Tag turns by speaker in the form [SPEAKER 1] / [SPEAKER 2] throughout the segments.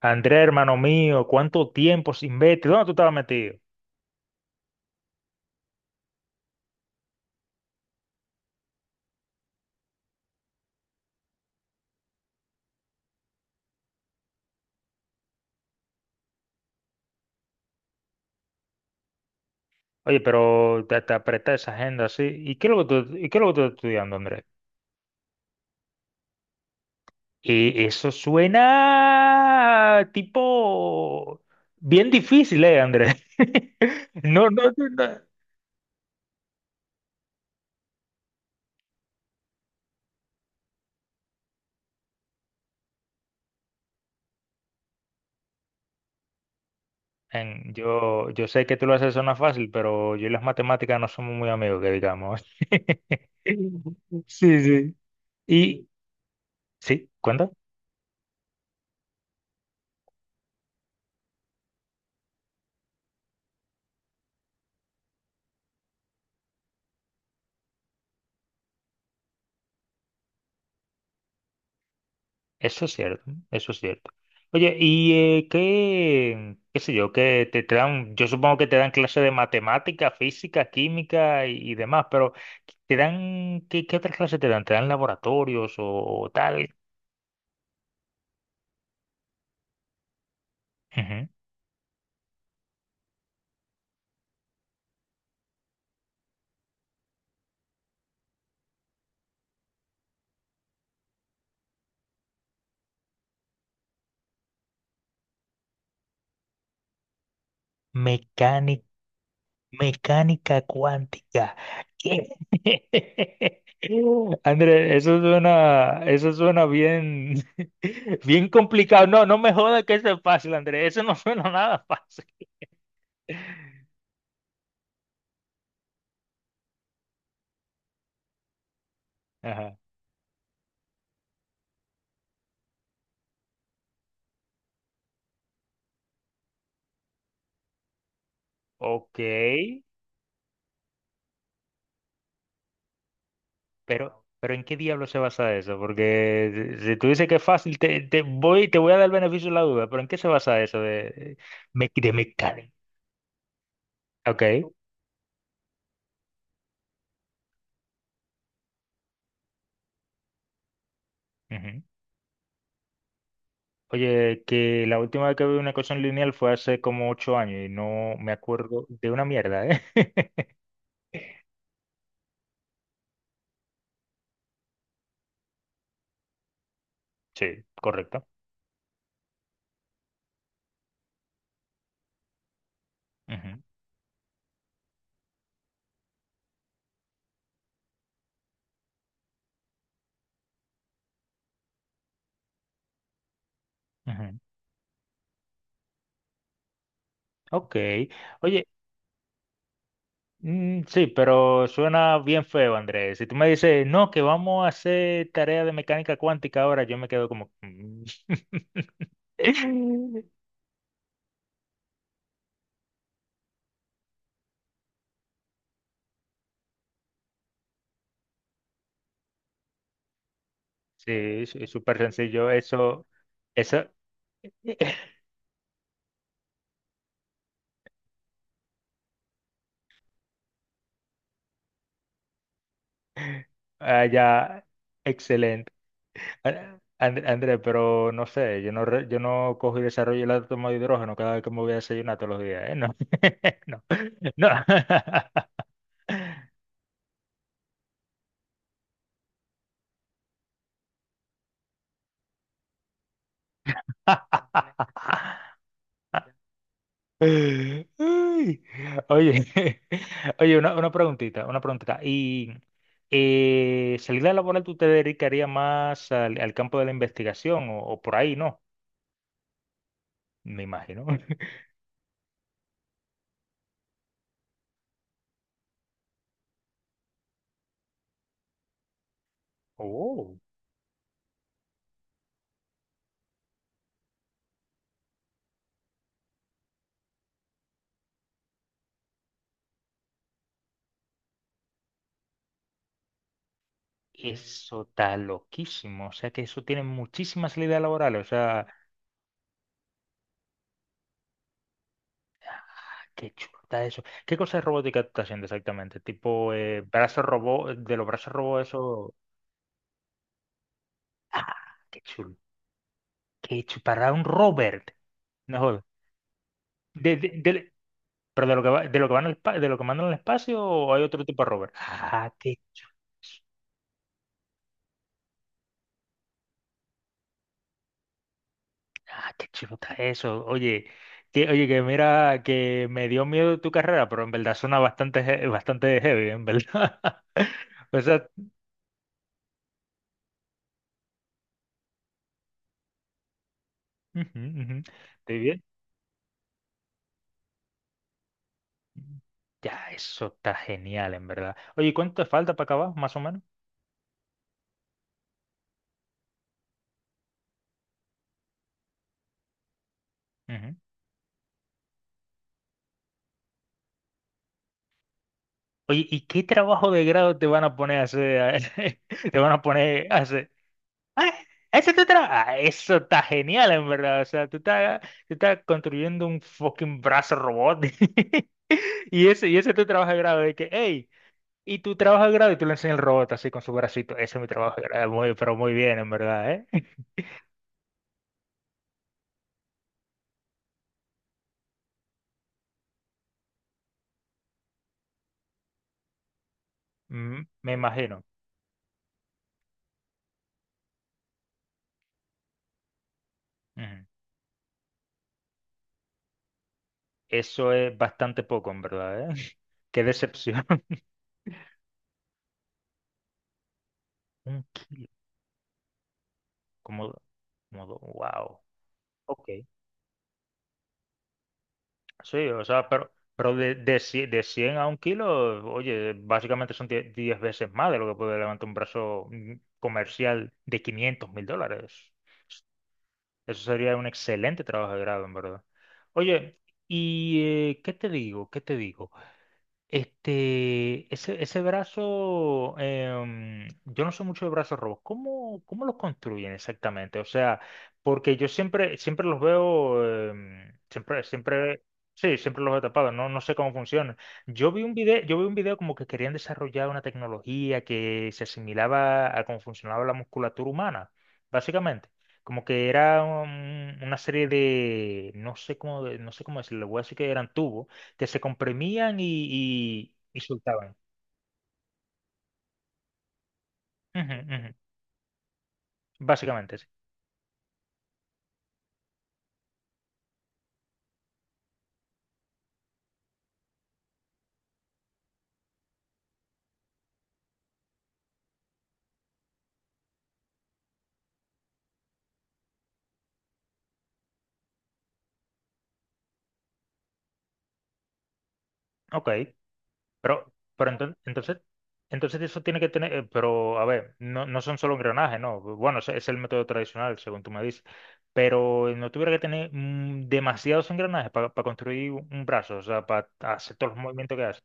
[SPEAKER 1] Andrés, hermano mío, ¿cuánto tiempo sin verte? ¿Dónde tú estabas metido? Oye, pero te apreté esa agenda así. ¿Y qué es lo que tú estás estudiando, Andrés? Y eso suena tipo bien difícil, ¿eh, Andrés? No, no, no. No. Yo sé que tú lo haces sonar fácil, pero yo y las matemáticas no somos muy amigos, que digamos. Sí, sí. Y, sí, cuenta. Eso es cierto, eso es cierto. Oye, ¿y qué, sé yo, qué te dan, yo supongo que te dan clases de matemática, física, química y demás, pero te dan, ¿qué otras clases te dan? ¿Te dan laboratorios o tal? Ujú. Mecánica, mecánica cuántica. ¿Qué? André, eso suena bien, bien complicado. No, no me jodas que eso es fácil, André. Eso no suena nada fácil. Ajá. Ok, pero ¿en qué diablo se basa eso? Porque si tú dices que es fácil, te voy a dar el beneficio de la duda, pero ¿en qué se basa eso de mecánica? Ok. Ujú. Oye, que la última vez que vi una ecuación lineal fue hace como 8 años y no me acuerdo de una mierda, ¿eh? Sí, correcto. Ujú, ujú. Ok. Oye, sí, pero suena bien feo, Andrés. Si tú me dices, no, que vamos a hacer tarea de mecánica cuántica ahora, yo me quedo como "Mm". Sí, es súper sencillo. Eso, ya, excelente. Ah, Andrés, pero no sé, yo no cojo y desarrollo el átomo de hidrógeno cada vez que me voy a desayunar todos los días, ¿eh? No, no, no. Ay, oye, oye, una preguntita. Y salida laboral, ¿tú te dedicarías más al campo de la investigación o por ahí, no? Me imagino. Oh, eso está loquísimo. O sea que eso tiene muchísimas salidas laborales. O sea, qué chulo está eso. ¿Qué cosa de robótica tú estás haciendo exactamente? Tipo, de los brazos robot, eso. Ah, qué chulo. Qué chulo. Para un Robert. No jodas. De, de, de- ¿Pero de lo que mandan al espacio o hay otro tipo de rover? Qué chulo está eso. Oye, que mira, que me dio miedo tu carrera, pero en verdad suena bastante heavy, en verdad. O sea, ujú, ujú. ¿Estoy bien? Ya, eso está genial, en verdad. Oye, ¿cuánto te falta para acabar, más o menos? Ujú. Oye, ¿y qué trabajo de grado te van a poner a hacer? Te van a poner a hacer. Ah, ese es tu trabajo. Ah, eso está genial, en verdad. O sea, tú estás construyendo un fucking brazo robot. Y ese es tu trabajo de grado. De que, hey, y tu trabajo de grado, y tú le enseñas el robot así con su bracito. Ese es mi trabajo de grado. Muy, pero muy bien, en verdad, ¿eh? Mm, me imagino. Ujú. Eso es bastante poco, en verdad, ¿eh? Qué decepción. Un kilo, como, wow. Ok. Sí, o sea, pero cien de 100 a un kilo, oye, básicamente son 10 veces más de lo que puede levantar un brazo comercial de $500.000. Eso sería un excelente trabajo de grado, en verdad. Oye, ¿y qué te digo? ¿Qué te digo? Este, ese brazo, yo no sé mucho de brazos robos. ¿Cómo los construyen exactamente? O sea, porque yo siempre los veo, sí, siempre los veo tapados. No, no sé cómo funcionan. Yo vi un video como que querían desarrollar una tecnología que se asimilaba a cómo funcionaba la musculatura humana, básicamente. Como que era una serie de, no sé cómo, no sé cómo decirlo, le voy a decir que eran tubos que se comprimían y soltaban. Ujú, ujú. Básicamente, sí. Ok, pero entonces eso tiene que tener, pero a ver, no, no son solo engranajes, no. Bueno, ese es el método tradicional, según tú me dices, pero no tuviera que tener demasiados engranajes para construir un brazo, o sea, para hacer todos los movimientos que hace.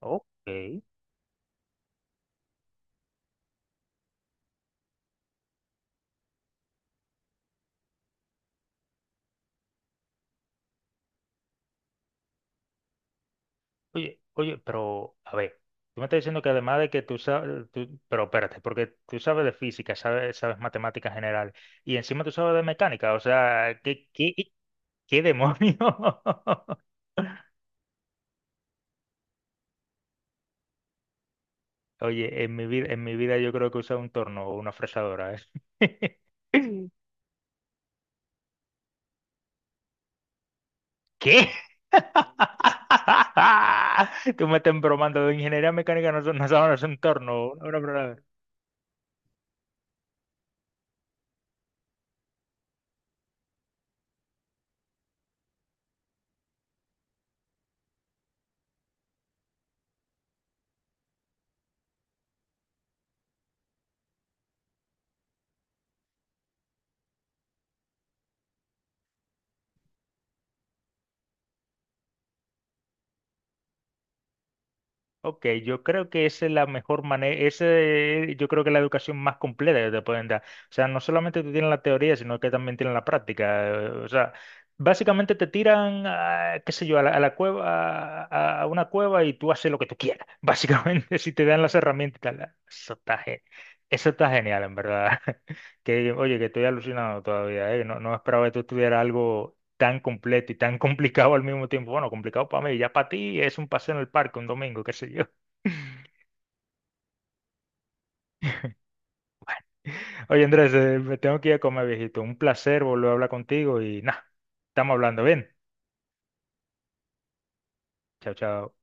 [SPEAKER 1] Ok, Oye, pero a ver, tú me estás diciendo que además de que tú sabes, pero espérate, porque tú sabes de física, sabes matemáticas general y encima tú sabes de mecánica, o sea, ¿qué demonios? Oye, en mi vida yo creo que he usado un torno o una fresadora, ¿eh? ¿Qué? Tú me estás bromando de ingeniería mecánica, no, no sabes, no es un torno, una fresadora. Ok, yo creo que esa es la mejor manera, yo creo que es la educación más completa que te pueden dar. O sea, no solamente te tienen la teoría, sino que también tienen la práctica. O sea, básicamente te tiran, a, qué sé yo, a la cueva, a una cueva y tú haces lo que tú quieras. Básicamente, si te dan las herramientas, y tal. Ah, eso está genial, en verdad. Que, oye, que estoy alucinado todavía, ¿eh? No, no esperaba que tú tuvieras algo tan completo y tan complicado al mismo tiempo. Bueno, complicado para mí, ya para ti es un paseo en el parque un domingo, qué sé yo. Oye, Andrés, me tengo que ir a comer, viejito. Un placer volver a hablar contigo y nada, estamos hablando bien. Chao, chao.